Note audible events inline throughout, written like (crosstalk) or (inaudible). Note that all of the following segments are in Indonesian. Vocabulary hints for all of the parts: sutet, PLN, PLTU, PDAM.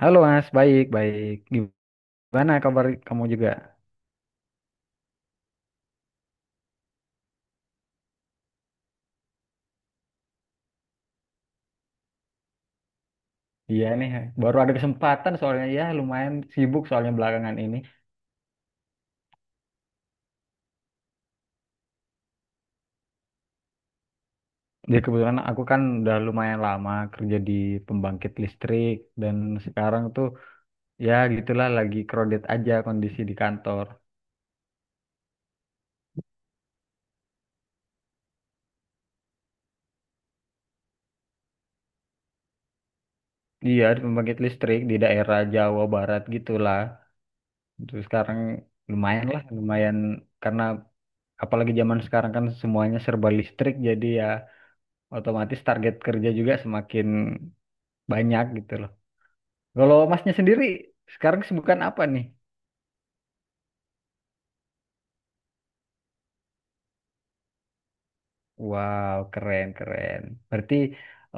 Halo Mas, baik, baik. Gimana kabar kamu juga? Iya nih, baru ada kesempatan soalnya ya lumayan sibuk soalnya belakangan ini. Jadi kebetulan aku kan udah lumayan lama kerja di pembangkit listrik dan sekarang tuh ya gitulah lagi crowded aja kondisi di kantor. Iya, di pembangkit listrik di daerah Jawa Barat gitulah. Terus sekarang lumayan lah, lumayan karena apalagi zaman sekarang kan semuanya serba listrik jadi ya otomatis target kerja juga semakin banyak gitu loh. Kalau masnya sendiri sekarang kesibukan apa nih? Wow, keren keren. Berarti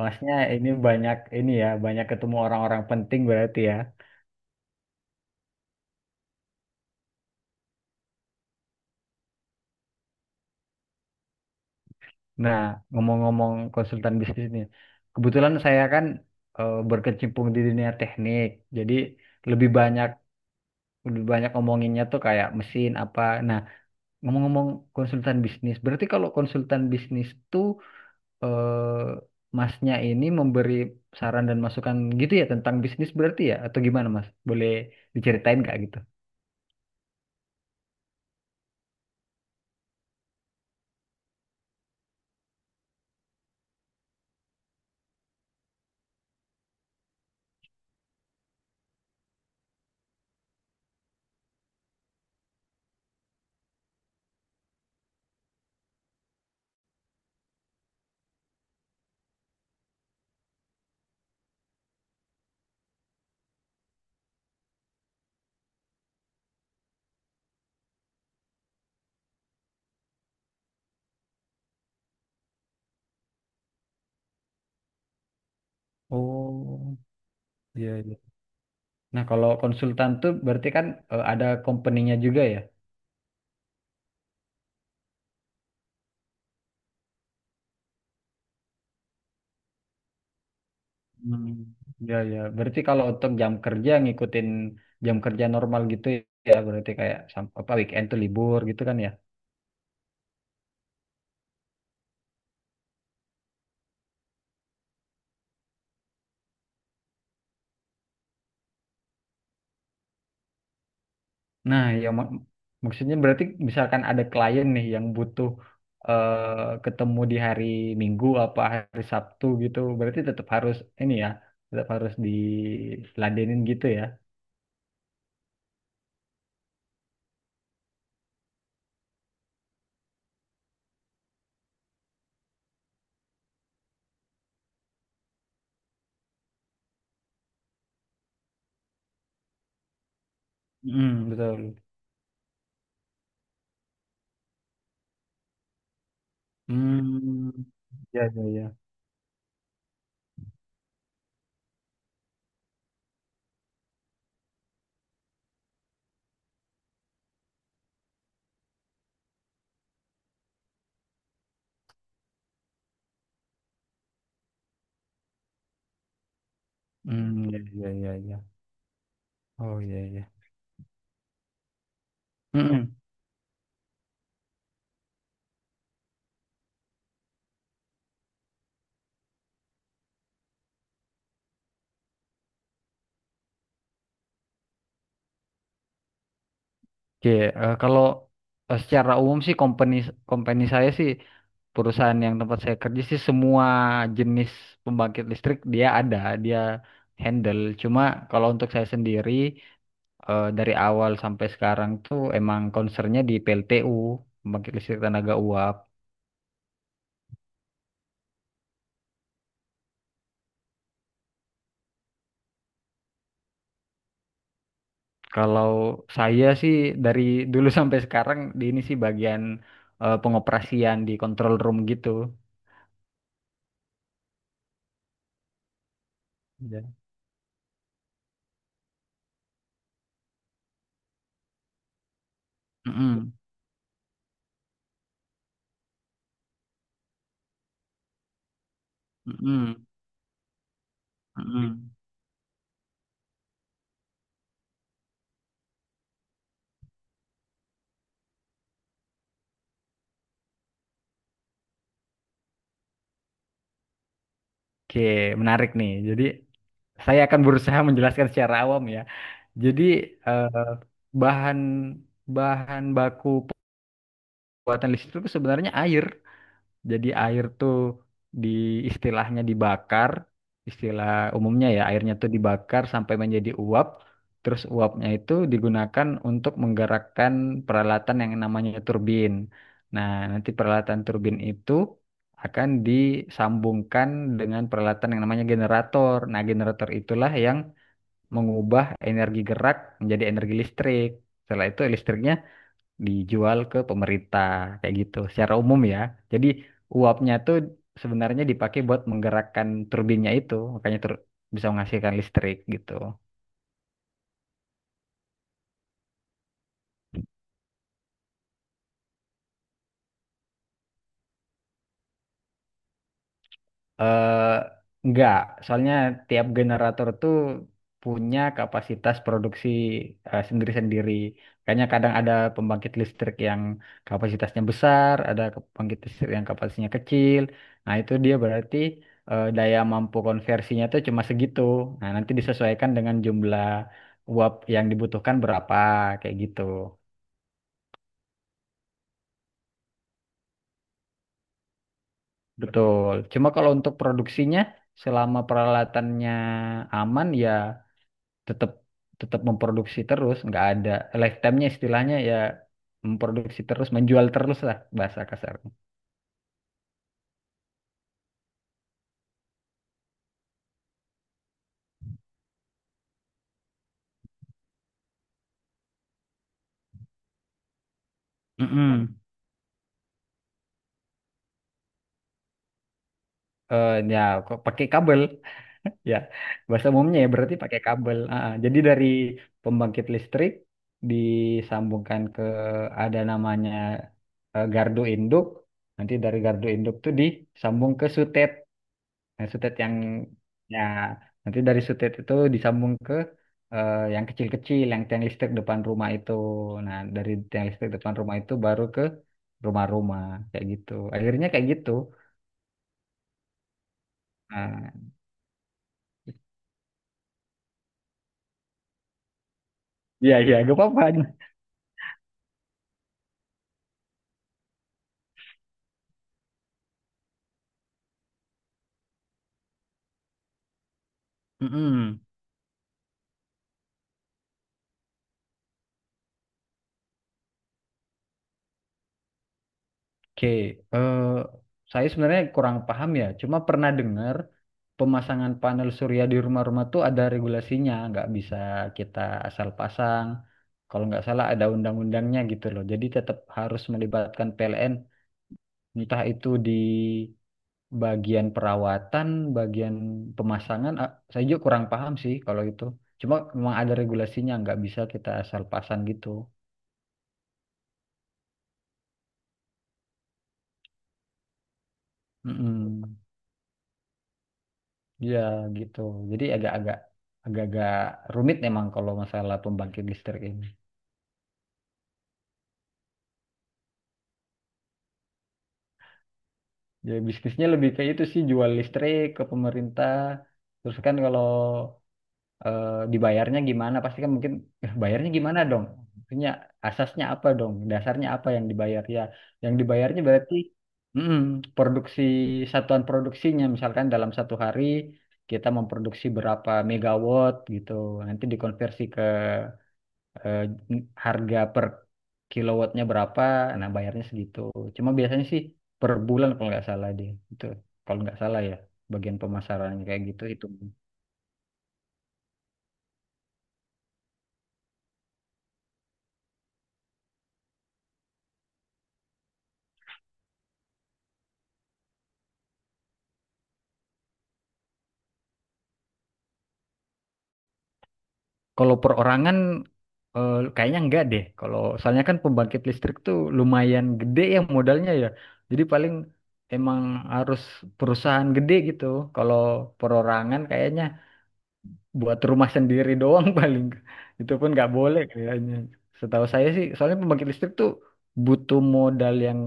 masnya ini banyak ini ya, banyak ketemu orang-orang penting berarti ya. Nah, ngomong-ngomong konsultan bisnis nih, kebetulan saya kan berkecimpung di dunia teknik, jadi lebih banyak lebih banyak ngomonginnya tuh kayak mesin apa. Nah, ngomong-ngomong konsultan bisnis, berarti kalau konsultan bisnis tuh eh, masnya ini memberi saran dan masukan gitu ya tentang bisnis berarti ya atau gimana mas? Boleh diceritain nggak gitu? Oh, iya, iya. Nah, kalau konsultan tuh berarti kan ada company-nya juga ya? Hmm. Ya, ya. Berarti kalau untuk jam kerja ngikutin jam kerja normal gitu ya, berarti kayak apa weekend tuh libur gitu kan ya? Nah, maksudnya berarti misalkan ada klien nih yang butuh ketemu di hari Minggu apa hari Sabtu gitu, berarti tetap harus ini ya, tetap harus diladenin gitu ya. Hmm, betul. Hmm, ya ya ya. Hmm, ya ya ya ya. Oh ya ya. Hmm. Oke, kalau secara umum sih company company saya sih perusahaan yang tempat saya kerja sih semua jenis pembangkit listrik dia ada, dia handle. Cuma kalau untuk saya sendiri dari awal sampai sekarang tuh emang concernnya di PLTU, pembangkit listrik tenaga uap. Kalau saya sih dari (laughs) dulu sampai sekarang di ini sih bagian pengoperasian di control room gitu. Ya. Mm-mm. Mm-mm. Mm-mm. Oke, menarik nih. Jadi saya akan berusaha menjelaskan secara awam ya. Jadi eh, bahan bahan baku pembuatan listrik itu sebenarnya air. Jadi air tuh di istilahnya dibakar, istilah umumnya ya airnya tuh dibakar sampai menjadi uap. Terus uapnya itu digunakan untuk menggerakkan peralatan yang namanya turbin. Nah, nanti peralatan turbin itu akan disambungkan dengan peralatan yang namanya generator. Nah, generator itulah yang mengubah energi gerak menjadi energi listrik. Setelah itu listriknya dijual ke pemerintah kayak gitu secara umum ya. Jadi uapnya tuh sebenarnya dipakai buat menggerakkan turbinnya itu, makanya bisa menghasilkan listrik gitu. eh enggak, soalnya tiap generator tuh punya kapasitas produksi sendiri-sendiri. Kayaknya kadang ada pembangkit listrik yang kapasitasnya besar, ada pembangkit listrik yang kapasitasnya kecil. Nah, itu dia berarti daya mampu konversinya tuh cuma segitu. Nah, nanti disesuaikan dengan jumlah uap yang dibutuhkan berapa, kayak gitu. Betul. Cuma kalau untuk produksinya, selama peralatannya aman ya tetap tetap memproduksi terus nggak ada lifetime-nya istilahnya ya memproduksi terus menjual terus lah bahasa kasar. mm Ya kok pakai kabel, (laughs) ya bahasa umumnya ya berarti pakai kabel. Ah, ah. Jadi dari pembangkit listrik disambungkan ke, ada namanya gardu induk, nanti dari gardu induk tuh disambung ke sutet. Nah, sutet yang ya, nanti dari sutet itu disambung ke yang kecil-kecil, yang tiang listrik depan rumah itu. Nah, dari tiang listrik depan rumah itu baru ke rumah-rumah kayak gitu. Akhirnya kayak gitu. Nah, iya iya gak apa-apa. Mm-mm. Oke, eh, saya sebenarnya kurang paham ya. Cuma pernah dengar pemasangan panel surya di rumah-rumah tuh ada regulasinya, nggak bisa kita asal pasang. Kalau nggak salah ada undang-undangnya gitu loh. Jadi tetap harus melibatkan PLN, entah itu di bagian perawatan, bagian pemasangan. Ah, saya juga kurang paham sih kalau itu. Cuma memang ada regulasinya, nggak bisa kita asal pasang gitu. Mm-mm. Ya gitu. Jadi agak-agak rumit memang kalau masalah pembangkit listrik ini. Ya bisnisnya lebih ke itu sih, jual listrik ke pemerintah. Terus kan kalau dibayarnya gimana pasti kan mungkin "Eh, bayarnya gimana dong? Maksudnya asasnya apa dong? Dasarnya apa yang dibayar ya?" Yang dibayarnya berarti mm, produksi, satuan produksinya misalkan dalam satu hari kita memproduksi berapa megawatt gitu. Nanti dikonversi ke eh, harga per kilowattnya berapa, nah bayarnya segitu. Cuma biasanya sih per bulan kalau nggak salah deh itu, kalau nggak salah ya bagian pemasarannya kayak gitu itu. Kalau perorangan kayaknya enggak deh. Kalau soalnya kan pembangkit listrik tuh lumayan gede ya modalnya ya. Jadi paling emang harus perusahaan gede gitu. Kalau perorangan kayaknya buat rumah sendiri doang (laughs) paling, itu pun nggak boleh kayaknya setahu saya sih, soalnya pembangkit listrik tuh butuh modal yang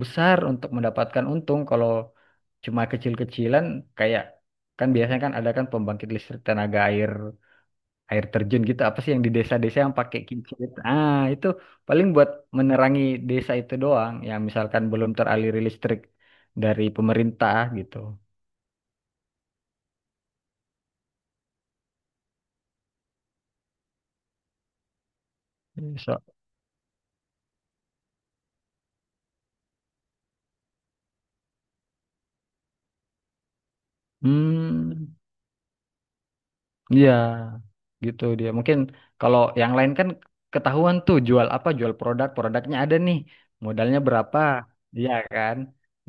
besar untuk mendapatkan untung. Kalau cuma kecil-kecilan kayak, kan biasanya kan ada kan pembangkit listrik tenaga air, air terjun gitu apa sih yang di desa-desa yang pakai kincir, ah itu paling buat menerangi desa itu doang yang misalkan belum teraliri listrik dari pemerintah gitu. So, hmm. Iya, gitu dia. Mungkin kalau yang lain kan ketahuan tuh jual apa, jual produk, produknya ada nih, modalnya berapa, iya kan.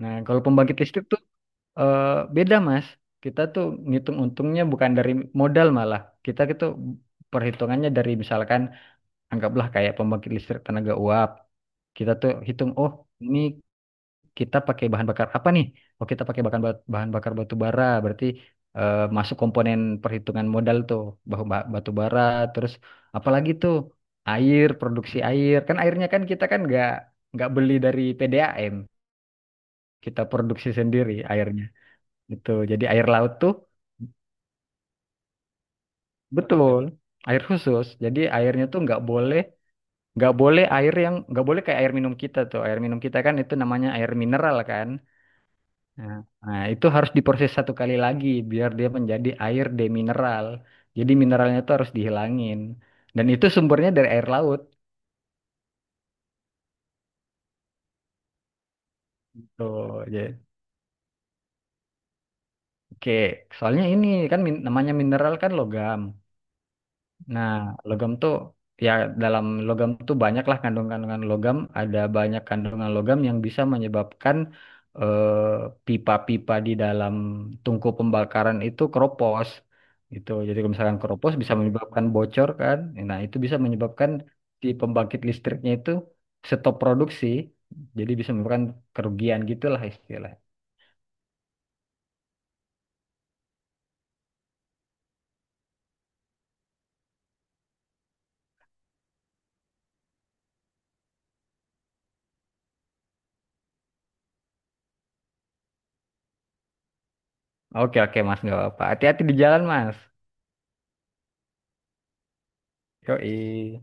Nah, kalau pembangkit listrik tuh eh, beda Mas. Kita tuh ngitung untungnya bukan dari modal malah. Kita itu perhitungannya dari misalkan anggaplah kayak pembangkit listrik tenaga uap. Kita tuh hitung, oh ini kita pakai bahan bakar apa nih? Oh, kita pakai bahan bahan bakar batu bara, berarti masuk komponen perhitungan modal tuh, batu bara, terus apalagi tuh air, produksi air. Kan airnya kan kita kan nggak beli dari PDAM, kita produksi sendiri airnya. Itu jadi air laut tuh betul, air khusus. Jadi airnya tuh nggak boleh, air yang nggak boleh kayak air minum. Kita tuh air minum kita kan itu namanya air mineral kan. Nah, nah, itu harus diproses satu kali lagi biar dia menjadi air demineral. Jadi mineralnya itu harus dihilangin. Dan itu sumbernya dari air laut. Tuh, ya. Oke, soalnya ini kan namanya mineral kan logam. Nah, logam tuh ya dalam logam tuh banyaklah kandungan-kandungan logam. Ada banyak kandungan logam yang bisa menyebabkan pipa-pipa di dalam tungku pembakaran itu keropos. Gitu. Jadi kalau misalkan keropos bisa menyebabkan bocor kan. Nah, itu bisa menyebabkan si pembangkit listriknya itu stop produksi. Jadi bisa menyebabkan kerugian gitulah istilahnya. Oke oke Mas, nggak apa-apa. Hati-hati di jalan Mas. Yoi.